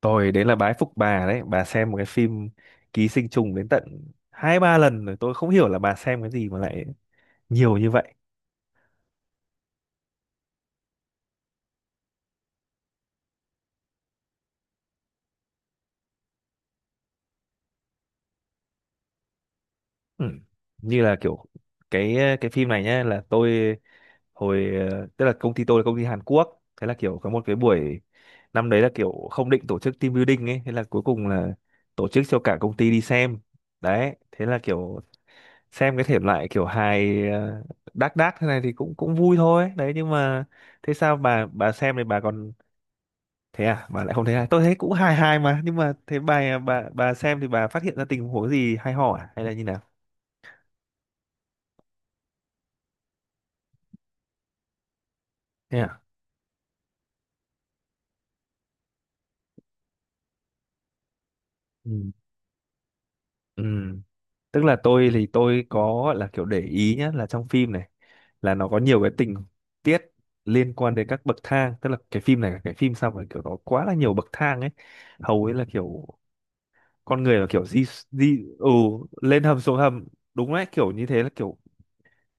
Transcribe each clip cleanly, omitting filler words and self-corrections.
Tôi đấy là bái phục bà đấy, bà xem một cái phim Ký sinh trùng đến tận hai ba lần rồi, tôi không hiểu là bà xem cái gì mà lại nhiều như vậy. Ừ. Như là kiểu cái phim này nhá, là tôi hồi tức là công ty tôi là công ty Hàn Quốc, thế là kiểu có một cái buổi năm đấy là kiểu không định tổ chức team building ấy, thế là cuối cùng là tổ chức cho cả công ty đi xem. Đấy, thế là kiểu xem cái thể loại kiểu hài đác đác thế này thì cũng cũng vui thôi đấy, nhưng mà thế sao bà xem thì bà còn thế à, bà lại không thấy hài? Tôi thấy cũng hài hài mà, nhưng mà thế bà xem thì bà phát hiện ra tình huống gì hay ho à, hay là như nào? Thế à. Ừ. Ừ. Tức là tôi thì tôi có gọi là kiểu để ý nhá, là trong phim này là nó có nhiều cái tình tiết liên quan đến các bậc thang, tức là cái phim này là cái phim sao mà kiểu nó quá là nhiều bậc thang ấy, hầu ấy là kiểu con người là kiểu di di ừ, lên hầm xuống hầm, đúng đấy, kiểu như thế. Là kiểu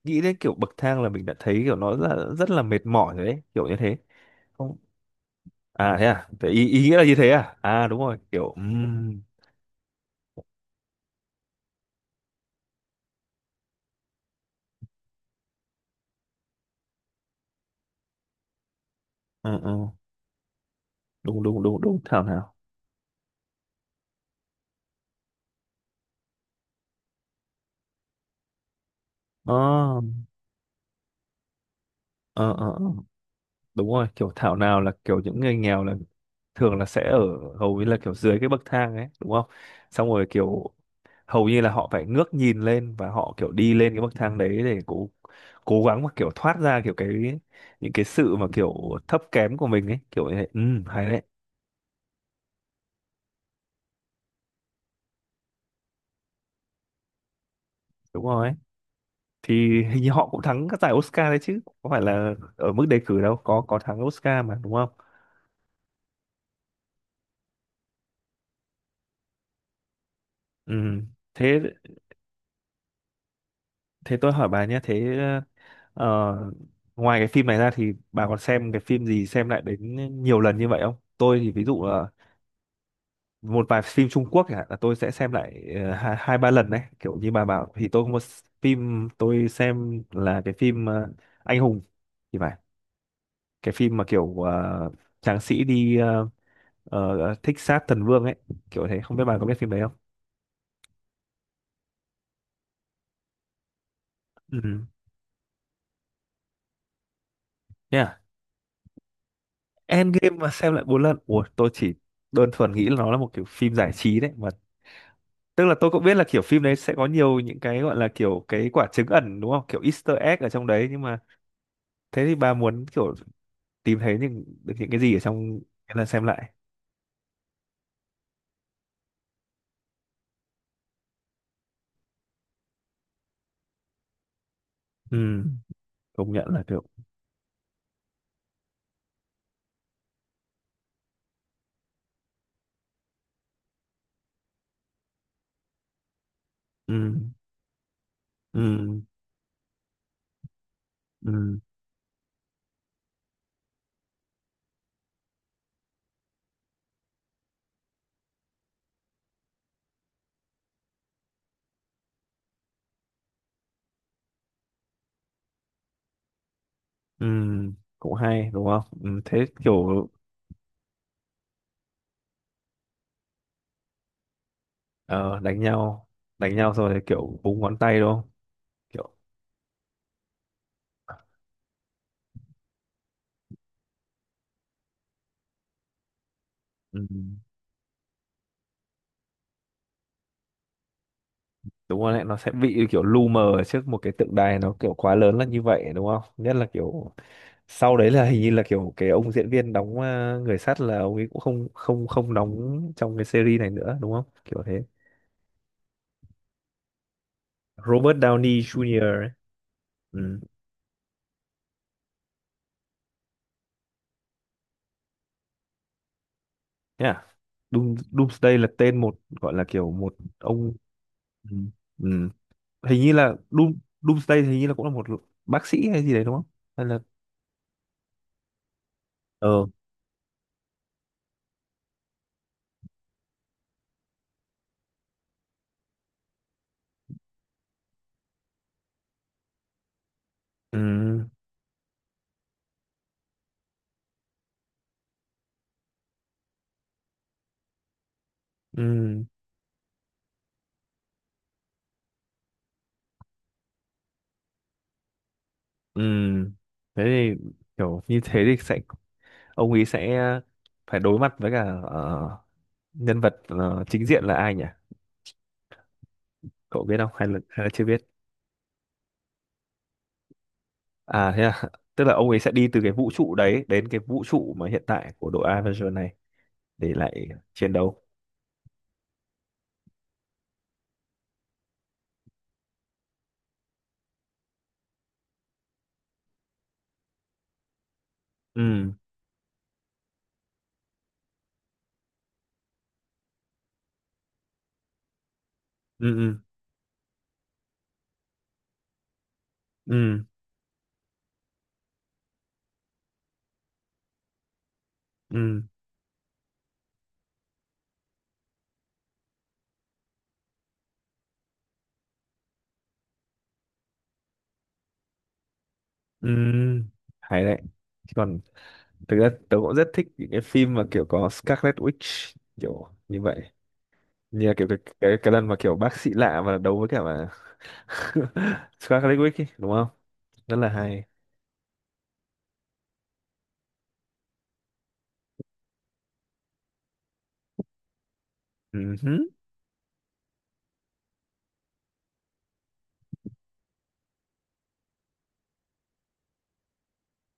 nghĩ đến kiểu bậc thang là mình đã thấy kiểu nó rất là mệt mỏi rồi đấy, kiểu như thế. Không. À thế à, thế ý nghĩa là như thế à? À đúng rồi kiểu. Ừ, ừ, đúng đúng đúng đúng thảo nào. ờ ờ ờ ờ, đúng rồi, kiểu thảo nào là kiểu những người nghèo là thường là sẽ ở hầu như là kiểu dưới cái bậc thang ấy, đúng không, xong rồi kiểu hầu như là họ phải ngước nhìn lên và họ kiểu đi lên cái bậc thang đấy để cố cố gắng mà kiểu thoát ra kiểu cái những cái sự mà kiểu thấp kém của mình ấy, kiểu như thế. Ừ, hay đấy. Đúng rồi ấy. Thì hình như họ cũng thắng các giải Oscar đấy chứ, có phải là ở mức đề cử đâu, có thắng Oscar mà, đúng không? Ừ. thế thế tôi hỏi bà nhé, ờ, ngoài cái phim này ra thì bà còn xem cái phim gì xem lại đến nhiều lần như vậy không? Tôi thì ví dụ là một vài phim Trung Quốc chẳng hạn là tôi sẽ xem lại hai hai ba lần đấy, kiểu như bà bảo. Thì tôi có một phim tôi xem là cái phim Anh Hùng thì phải, cái phim mà kiểu tráng sĩ đi thích sát thần vương ấy, kiểu thế, không biết bà có biết phim đấy không. Ừ. Yeah. Endgame mà xem lại bốn lần? Ủa, tôi chỉ đơn thuần nghĩ là nó là một kiểu phim giải trí đấy mà, tức là tôi cũng biết là kiểu phim đấy sẽ có nhiều những cái gọi là kiểu cái quả trứng ẩn, đúng không, kiểu Easter egg ở trong đấy, nhưng mà thế thì bà muốn kiểu tìm thấy những được những cái gì ở trong cái lần xem lại? Ừ, công nhận là kiểu ừ, ừ, ừ, ừ, cũng hay đúng không. Ừ, thế kiểu ờ, đánh nhau. Đánh nhau rồi thì kiểu búng ngón tay đúng không, kiểu ừ, đúng rồi đấy, nó sẽ bị kiểu lu mờ ở trước một cái tượng đài nó kiểu quá lớn là như vậy đúng không, nhất là kiểu sau đấy là hình như là kiểu cái ông diễn viên đóng người sắt là ông ấy cũng không không không đóng trong cái series này nữa đúng không, kiểu thế, Robert Downey Jr. ấy. Ừ. Yeah. Doom, Doomsday là tên một gọi là kiểu một ông. Ừ. Ừ. Hình như là Doomsday thì hình như là cũng là một bác sĩ hay gì đấy đúng không? Hay là ờ. Ừ. Ừ. Ừ. Thế thì kiểu như thế thì sẽ ông ấy sẽ phải đối mặt với cả nhân vật chính diện là ai nhỉ? Cậu biết không? Hay là chưa biết? À thế à. Tức là ông ấy sẽ đi từ cái vũ trụ đấy đến cái vũ trụ mà hiện tại của đội Avenger này để lại chiến đấu. Ừ. Ừ. Ừ. Ừ. Ừ, ừ, hay đấy. Chứ còn thực ra tớ cũng rất thích những cái phim mà kiểu có Scarlet Witch kiểu như vậy, như là kiểu cái lần mà kiểu bác sĩ lạ mà đấu với cả mà Scarlet Witch ấy, đúng không, rất là hay. Ừ hứ,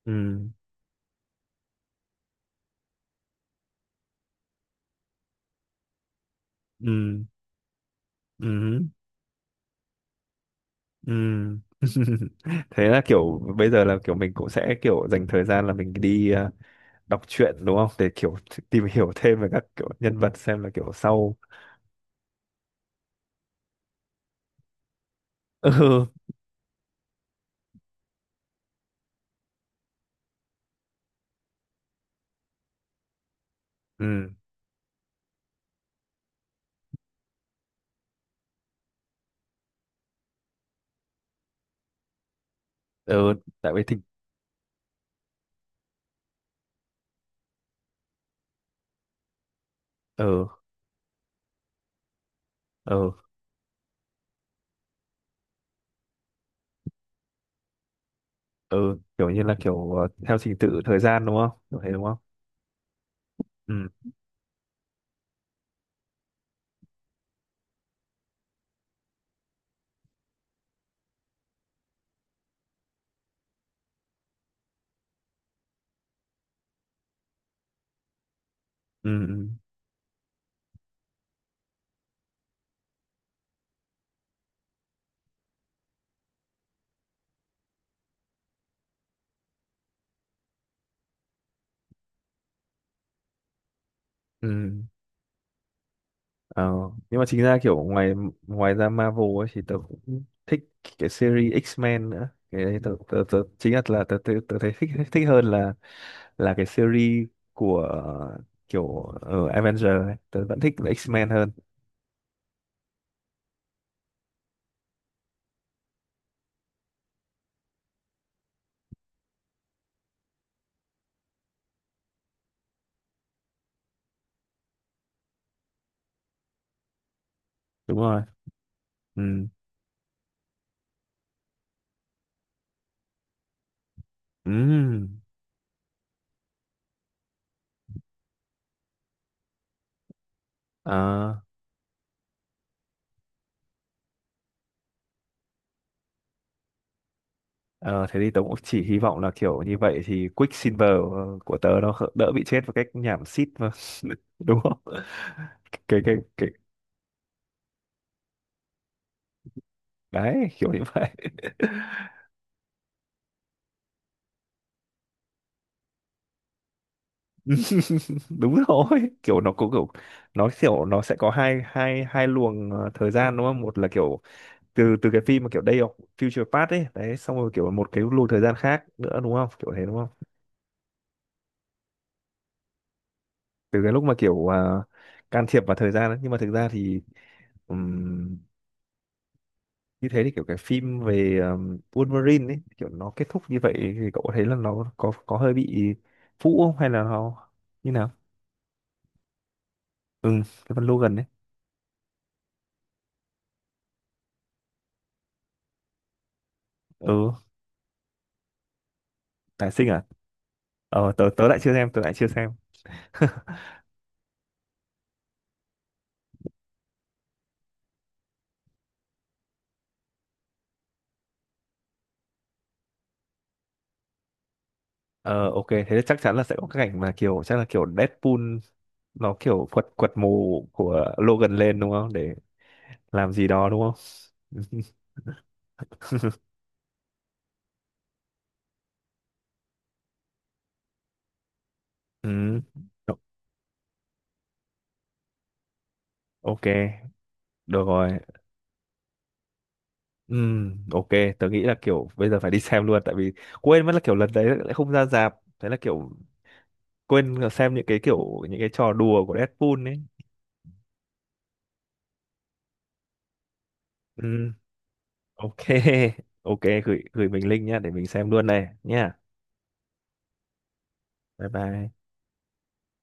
ừ ừ ừ ừ thế là kiểu bây giờ là kiểu mình cũng sẽ kiểu dành thời gian là mình đi đọc truyện đúng không, để kiểu tìm hiểu thêm về các kiểu nhân vật xem là kiểu sau. ừ ừ ừ tại vì thỉnh. ừ ừ ừ kiểu như là kiểu theo trình tự thời gian đúng không, kiểu thế đúng không. ừ ừ ừ ừ. Ờ, nhưng mà chính ra kiểu ngoài ngoài ra Marvel ấy thì tớ cũng thích cái series X-Men nữa, cái đấy tớ chính là tớ thấy thích thích hơn là cái series của ờ, kiểu Avenger ấy, tớ vẫn thích là X-Men hơn. Đúng rồi. Ừ. Ừ. Ờ. Ờ, thế thì tớ cũng chỉ hy vọng là kiểu như vậy thì Quicksilver của tớ nó đỡ bị chết một cách nhảm xít mà. Đúng không? Cái đấy kiểu như vậy. Đúng rồi, kiểu nó có kiểu nó sẽ có hai hai hai luồng thời gian đúng không? Một là kiểu từ từ cái phim mà kiểu Day of Future Past ấy, đấy xong rồi kiểu một cái luồng thời gian khác nữa đúng không? Kiểu thế đúng không? Từ cái lúc mà kiểu can thiệp vào thời gian ấy. Nhưng mà thực ra thì như thế thì kiểu cái phim về Wolverine ấy kiểu nó kết thúc như vậy thì cậu có thấy là nó có hơi bị phũ không, hay là nó như nào? Ừ, cái phần Logan ấy. Ừ. Tái sinh à? Ờ, tớ tớ lại chưa xem, lại chưa xem. Ờ, ok, thế thì chắc chắn là sẽ có cái cảnh mà kiểu chắc là kiểu Deadpool nó kiểu quật quật mồ của Logan lên đúng không, để làm gì đó đúng không. Ừ, ok, được rồi. Ừ, ok, tớ nghĩ là kiểu bây giờ phải đi xem luôn, tại vì quên mất là kiểu lần đấy lại không ra rạp, thế là kiểu quên xem những cái kiểu những cái trò đùa của Deadpool ấy. Ừ, ok. Ok, gửi gửi mình link nhá, để mình xem luôn này nhá. Bye bye.